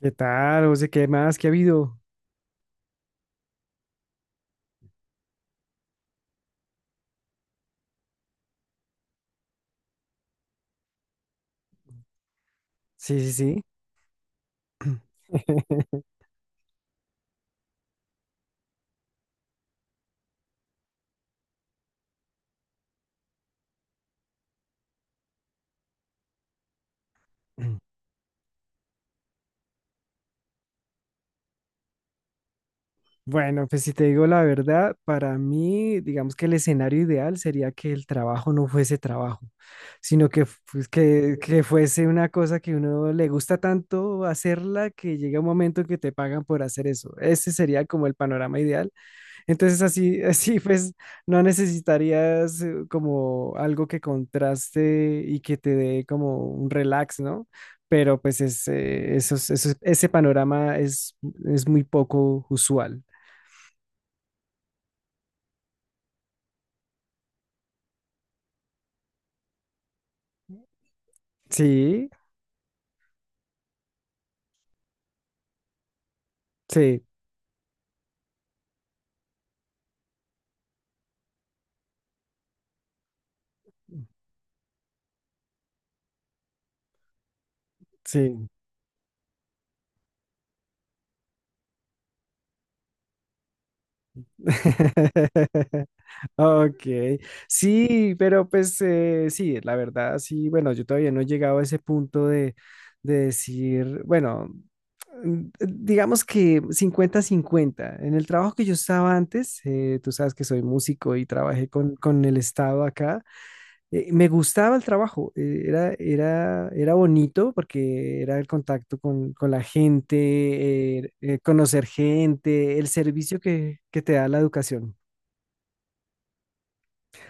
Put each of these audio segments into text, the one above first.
¿Qué tal, José? ¿Qué más? ¿Qué ha habido? Sí, sí, sí. Bueno, pues si te digo la verdad, para mí, digamos que el escenario ideal sería que el trabajo no fuese trabajo, sino que fuese una cosa que uno le gusta tanto hacerla que llega un momento en que te pagan por hacer eso. Ese sería como el panorama ideal. Entonces así, así pues no necesitarías como algo que contraste y que te dé como un relax, ¿no? Pero ese panorama es muy poco usual. Sí, sí, sí. Ok, sí, pero pues sí, la verdad, sí, bueno, yo todavía no he llegado a ese punto de decir, bueno, digamos que cincuenta-cincuenta. En el trabajo que yo estaba antes, tú sabes que soy músico y trabajé con el Estado acá, me gustaba el trabajo, era bonito porque era el contacto con la gente, conocer gente, el servicio que te da la educación.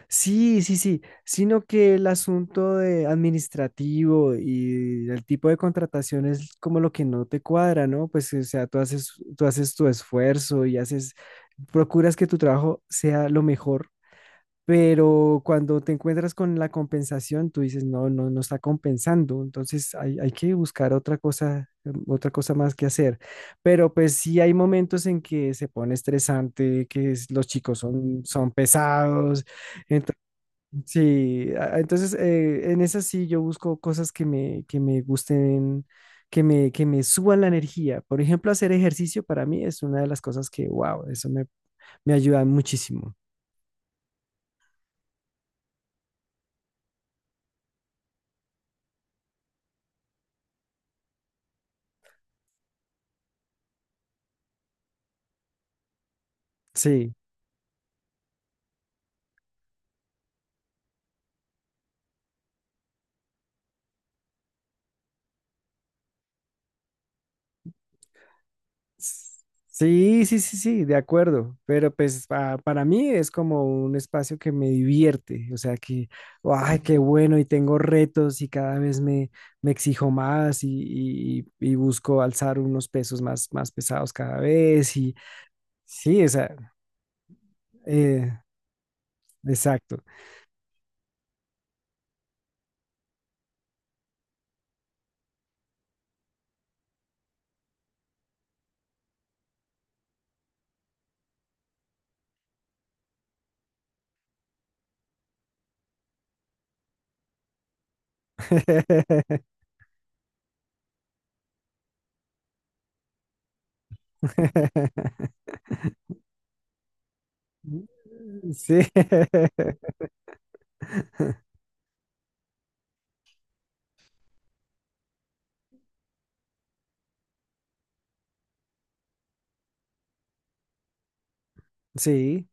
Sí, sí, sí, sino que el asunto de administrativo y el tipo de contratación es como lo que no te cuadra, ¿no? Pues, o sea, tú haces tu esfuerzo y haces, procuras que tu trabajo sea lo mejor, pero cuando te encuentras con la compensación, tú dices, no, no, no está compensando. Entonces hay que buscar otra cosa, otra cosa más que hacer. Pero pues sí hay momentos en que se pone estresante, los chicos son, son pesados. Entonces, sí, entonces en esas sí yo busco cosas que me gusten, que me suban la energía. Por ejemplo, hacer ejercicio para mí es una de las cosas que, wow, eso me, me ayuda muchísimo. Sí. Sí, sí, sí, sí, de acuerdo, pero pues para mí es como un espacio que me divierte, o sea que, ay, qué bueno, y tengo retos y cada vez me, me exijo más y busco alzar unos pesos más, más pesados cada vez y sí, esa, eh, exacto. Sí, sí.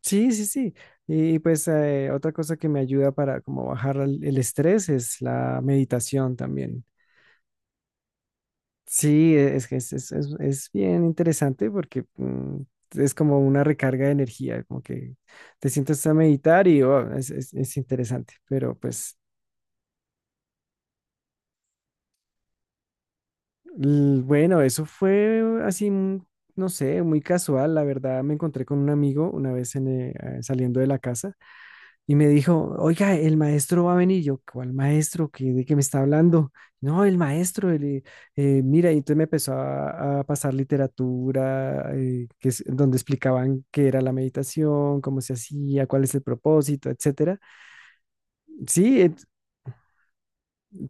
Sí, sí, sí. Y pues otra cosa que me ayuda para como bajar el estrés es la meditación también. Sí, es que es bien interesante porque es como una recarga de energía, como que te sientas a meditar y oh, es interesante. Pero pues bueno, eso fue así, no sé, muy casual. La verdad, me encontré con un amigo una vez en, saliendo de la casa. Y me dijo, oiga, el maestro va a venir. Yo, ¿cuál maestro? ¿Qué, de qué me está hablando? No, el maestro, el, mira, y entonces me empezó a pasar literatura, que es, donde explicaban qué era la meditación, cómo se hacía, cuál es el propósito, etcétera. Sí,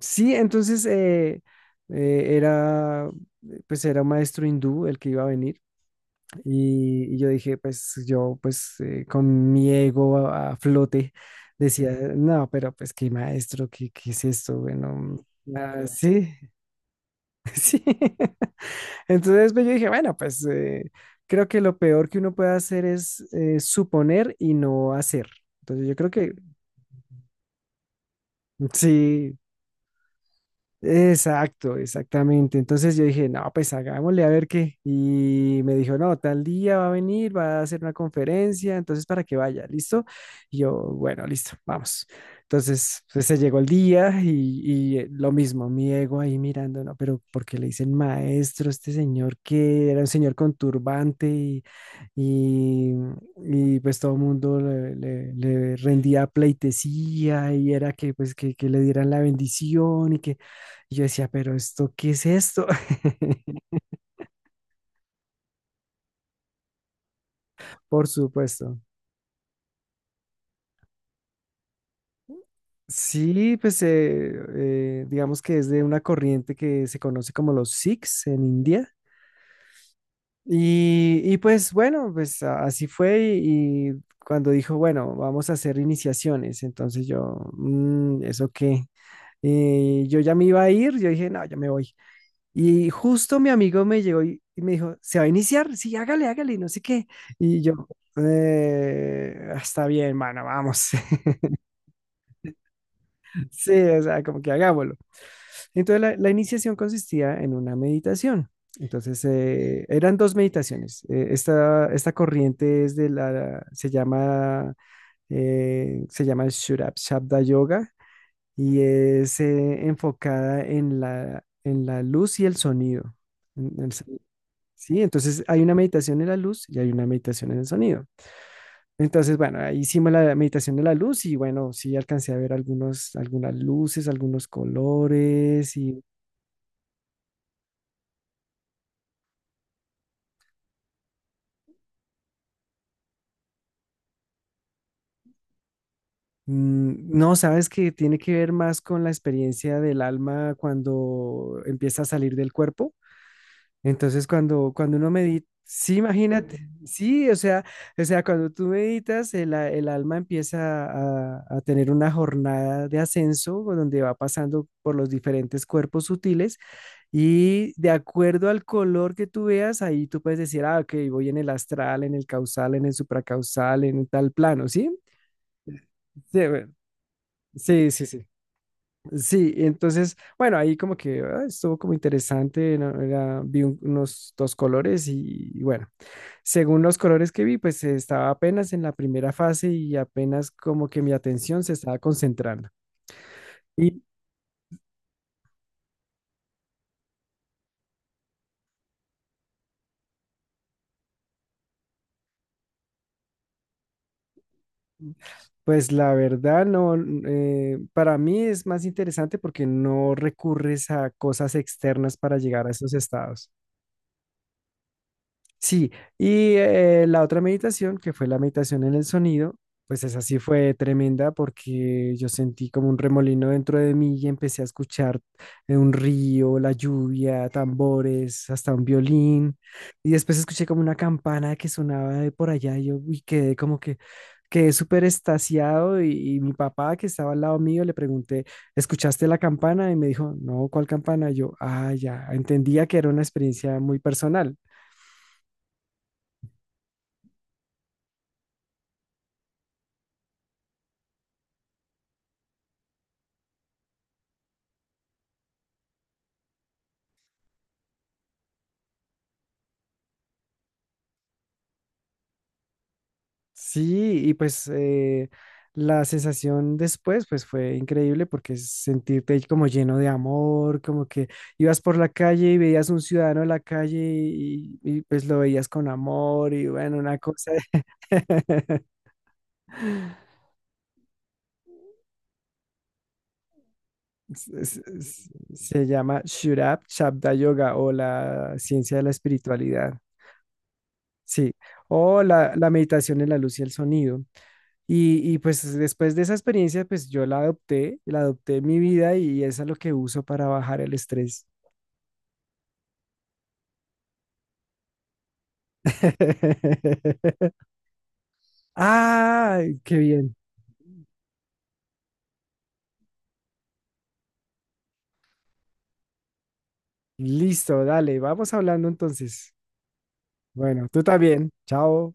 sí, entonces era, pues era un maestro hindú el que iba a venir. Y yo dije, pues yo, pues con mi ego a flote, decía, no, pero pues qué maestro, qué, qué es esto, bueno, ah, sí, sí. Entonces pues, yo dije, bueno, pues creo que lo peor que uno puede hacer es suponer y no hacer. Entonces yo creo que sí. Exacto, exactamente. Entonces yo dije, no, pues hagámosle a ver qué. Y me dijo, no, tal día va a venir, va a hacer una conferencia, entonces para que vaya, ¿listo? Y yo, bueno, listo, vamos. Entonces pues, se llegó el día y, lo mismo, mi ego ahí mirando, no, pero porque le dicen maestro a este señor que era un señor con turbante y, y, pues todo el mundo le, le rendía pleitesía y era que pues que le dieran la bendición y que y yo decía, pero esto, ¿qué es esto? Por supuesto. Sí, pues digamos que es de una corriente que se conoce como los Sikhs en India. Y pues bueno, pues así fue y cuando dijo, bueno, vamos a hacer iniciaciones, entonces yo, "Mm, ¿eso qué?" Y yo ya me iba a ir, yo dije, no, yo me voy. Y justo mi amigo me llegó y me dijo, ¿se va a iniciar? Sí, hágale, hágale, no sé qué. Y yo, está bien, mano, vamos." Sí, o sea, como que hagámoslo. Entonces la iniciación consistía en una meditación. Entonces eran dos meditaciones. Esta corriente es de la, se llama Shurabshabda Yoga y es enfocada en la luz y el sonido. En Sí, entonces hay una meditación en la luz y hay una meditación en el sonido. Entonces, bueno, ahí hicimos la meditación de la luz y bueno, sí alcancé a ver algunos, algunas luces, algunos colores y no, sabes que tiene que ver más con la experiencia del alma cuando empieza a salir del cuerpo. Entonces, cuando, cuando uno medita, sí, imagínate, sí, o sea, cuando tú meditas, el, el alma empieza a tener una jornada de ascenso donde va pasando por los diferentes cuerpos sutiles y de acuerdo al color que tú veas, ahí tú puedes decir, ah, ok, voy en el astral, en el causal, en el supracausal, en tal plano, ¿sí? Sí, bueno, sí, sí, sí. Sí, entonces, bueno, ahí como que ah, estuvo como interesante, ¿no? Unos dos colores y bueno. Según los colores que vi, pues estaba apenas en la primera fase y apenas como que mi atención se estaba concentrando. Y pues la verdad no, para mí es más interesante porque no recurres a cosas externas para llegar a esos estados. Sí, y la otra meditación, que fue la meditación en el sonido, pues esa sí fue tremenda porque yo sentí como un remolino dentro de mí y empecé a escuchar un río, la lluvia, tambores, hasta un violín. Y después escuché como una campana que sonaba de por allá y yo uy, quedé como que quedé súper extasiado y mi papá que estaba al lado mío le pregunté, ¿escuchaste la campana? Y me dijo, no, ¿cuál campana? Y yo, ah, ya, entendía que era una experiencia muy personal. Sí, y pues la sensación después pues fue increíble porque sentirte ahí como lleno de amor, como que ibas por la calle y veías un ciudadano en la calle pues lo veías con amor y bueno, una cosa se se- se llama Shurab Shabda Yoga o la ciencia de la espiritualidad, sí, o la meditación en la luz y el sonido. Y pues después de esa experiencia, pues yo la adopté en mi vida y es a lo que uso para bajar el estrés. ¡Ah! ¡Qué bien! Listo, dale, vamos hablando entonces. Bueno, tú también. Chao.